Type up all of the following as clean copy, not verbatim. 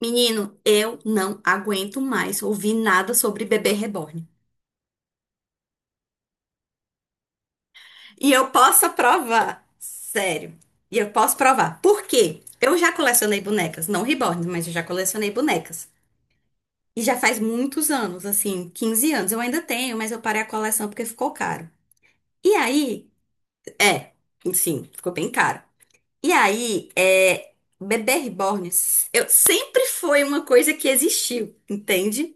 Menino, eu não aguento mais ouvir nada sobre bebê reborn. E eu posso provar, sério. E eu posso provar. Por quê? Eu já colecionei bonecas, não reborn, mas eu já colecionei bonecas. E já faz muitos anos, assim, 15 anos. Eu ainda tenho, mas eu parei a coleção porque ficou caro. E aí, é, sim, ficou bem caro. E aí, bebê reborn, eu sempre foi uma coisa que existiu, entende?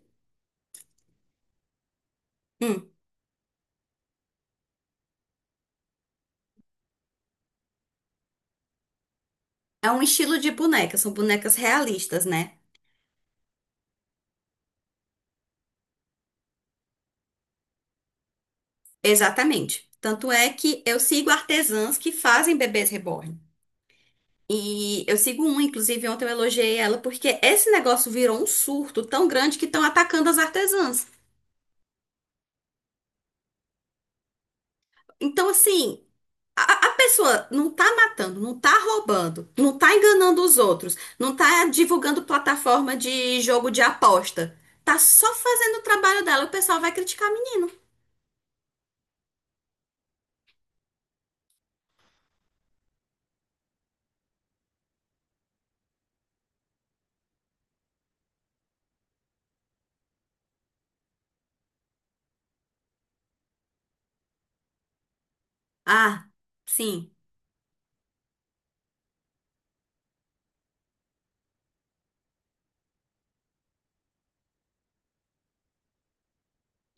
Hum. É um estilo de boneca, são bonecas realistas, né? Exatamente. Tanto é que eu sigo artesãs que fazem bebês reborn. E eu sigo uma, inclusive ontem eu elogiei ela porque esse negócio virou um surto tão grande que estão atacando as artesãs. Então, assim, a, a pessoa não tá matando, não tá roubando, não tá enganando os outros, não tá divulgando plataforma de jogo de aposta. Tá só fazendo o trabalho dela, o pessoal vai criticar menino. Ah, sim.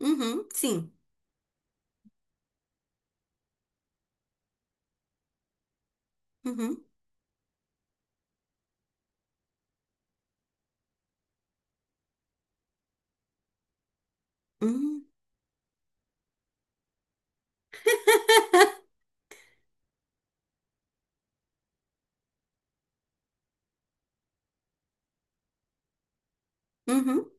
Uhum, sim. Uhum. Hum, uhum.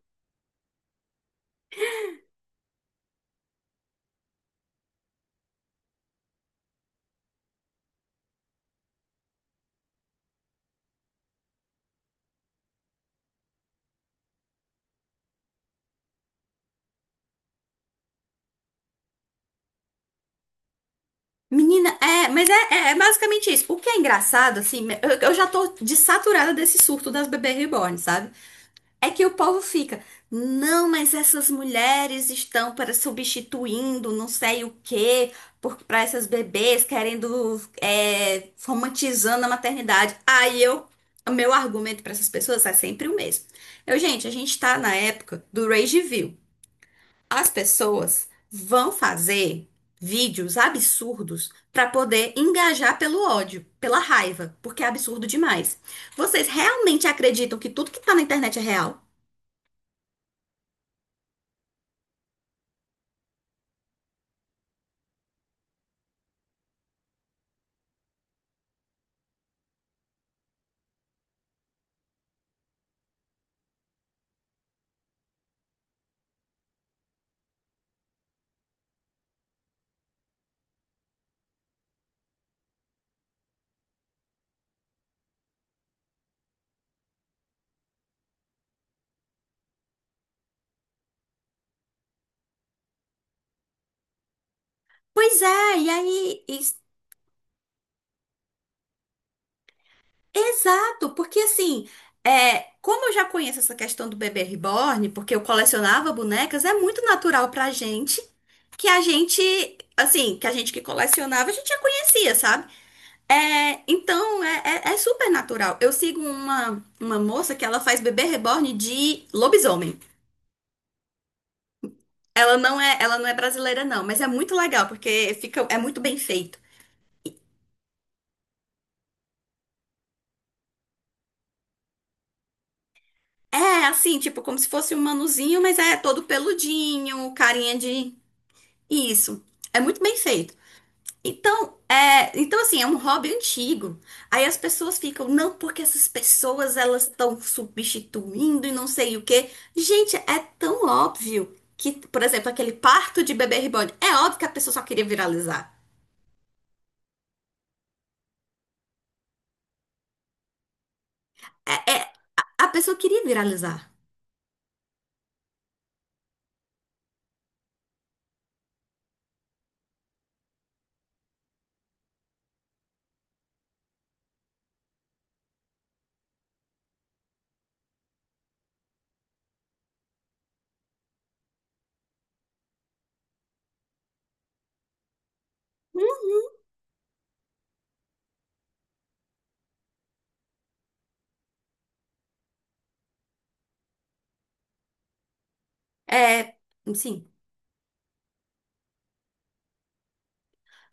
Menina, mas é basicamente isso. O que é engraçado, assim, eu já tô desaturada desse surto das bebês reborn, sabe? É que o povo fica, não, mas essas mulheres estão para substituindo não sei o quê, para essas bebês querendo, romantizando a maternidade. Aí o meu argumento para essas pessoas é sempre o mesmo. Gente, a gente tá na época do rage view. As pessoas vão fazer vídeos absurdos para poder engajar pelo ódio, pela raiva, porque é absurdo demais. Vocês realmente acreditam que tudo que tá na internet é real? Pois é, e aí? Exato, porque assim, como eu já conheço essa questão do bebê reborn, porque eu colecionava bonecas, é muito natural pra gente que a gente, que a gente que colecionava, a gente já conhecia, sabe? É, então é super natural. Eu sigo uma moça que ela faz bebê reborn de lobisomem. Ela não é brasileira, não, mas é muito legal, porque fica, é muito bem feito. É assim, tipo, como se fosse um manuzinho, mas é todo peludinho, carinha de. Isso. É muito bem feito. Então assim, é um hobby antigo. Aí as pessoas ficam, não, porque essas pessoas elas estão substituindo e não sei o quê. Gente, é tão óbvio que, por exemplo, aquele parto de bebê reborn, é óbvio que a pessoa só queria viralizar. É, a pessoa queria viralizar. Hum? É, sim.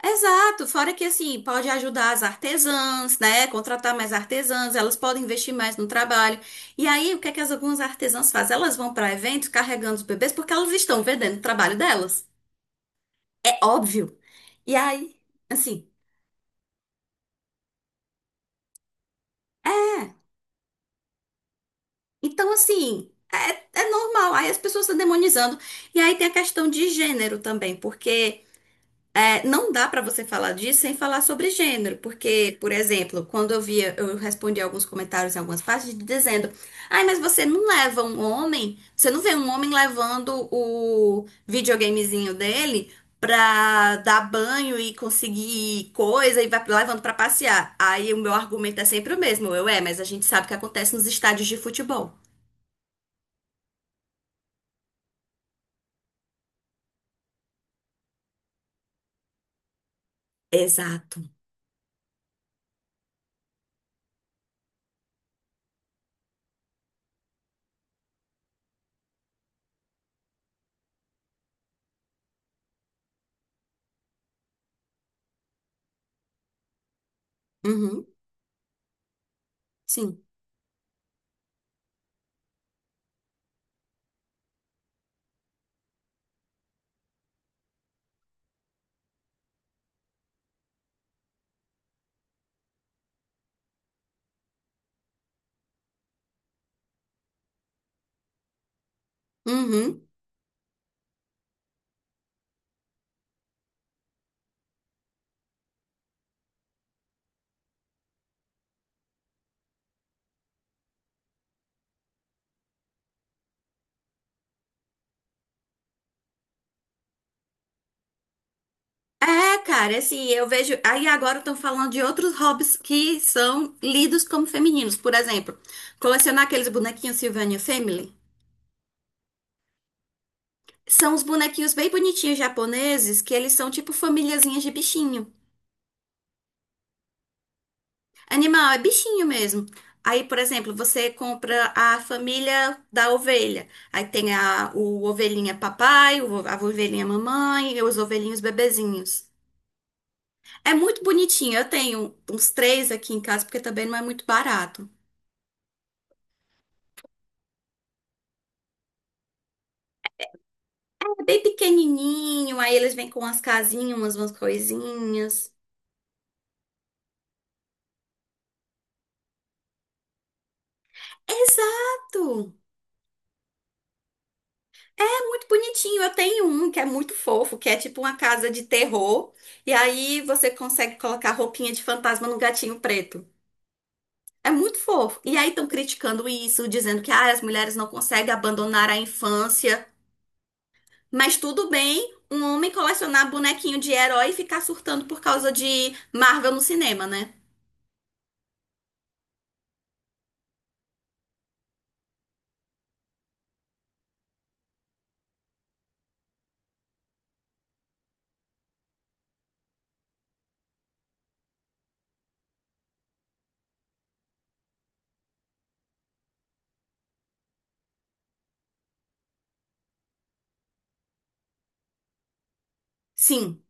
Exato, fora que assim, pode ajudar as artesãs, né? Contratar mais artesãs, elas podem investir mais no trabalho. E aí, o que é que as algumas artesãs fazem? Elas vão para eventos carregando os bebês porque elas estão vendendo o trabalho delas. É óbvio. E aí, assim, então assim, é normal. Aí as pessoas estão demonizando. E aí tem a questão de gênero também, porque não dá para você falar disso sem falar sobre gênero, porque, por exemplo, quando eu via, eu respondi alguns comentários em algumas partes dizendo: ai, mas você não leva um homem, você não vê um homem levando o videogamezinho dele pra dar banho e conseguir coisa e vai levando pra passear. Aí o meu argumento é sempre o mesmo: mas a gente sabe o que acontece nos estádios de futebol. Exato. Uhum, sim. Uhum. É, cara, assim, eu vejo. Aí agora estão falando de outros hobbies que são lidos como femininos. Por exemplo, colecionar aqueles bonequinhos Sylvania Family. São os bonequinhos bem bonitinhos japoneses que eles são tipo famíliazinhas de bichinho. Animal é bichinho mesmo. Aí, por exemplo, você compra a família da ovelha. Aí tem o ovelhinha papai, a ovelhinha mamãe e os ovelhinhos bebezinhos. É muito bonitinho. Eu tenho uns três aqui em casa porque também não é muito barato. É bem pequenininho, aí eles vêm com umas casinhas, umas coisinhas. Exato! É muito bonitinho. Eu tenho um que é muito fofo, que é tipo uma casa de terror. E aí você consegue colocar roupinha de fantasma no gatinho preto. É muito fofo. E aí estão criticando isso, dizendo que ah, as mulheres não conseguem abandonar a infância. Mas tudo bem um homem colecionar bonequinho de herói e ficar surtando por causa de Marvel no cinema, né? Sim,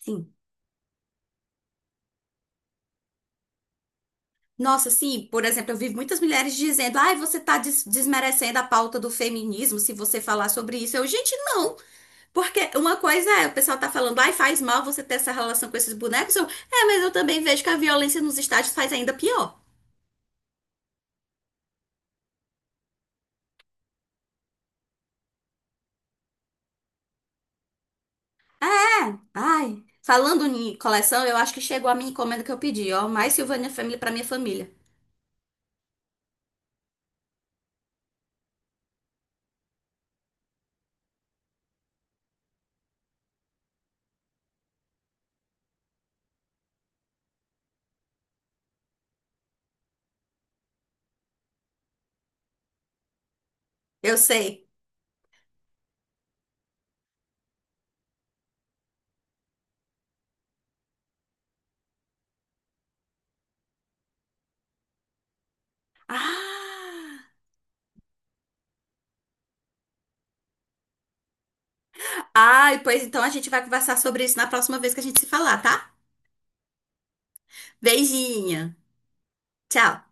sim. Nossa, sim, por exemplo, eu vi muitas mulheres dizendo: ai, você está desmerecendo a pauta do feminismo se você falar sobre isso. Gente, não. Porque uma coisa é, o pessoal tá falando, ai, faz mal você ter essa relação com esses bonecos. Mas eu também vejo que a violência nos estádios faz ainda pior. É, ai. Falando em coleção, eu acho que chegou a minha encomenda que eu pedi, ó. Mais Silvânia Family pra minha família. Eu sei. Ah! Ai, pois então a gente vai conversar sobre isso na próxima vez que a gente se falar, tá? Beijinha. Tchau.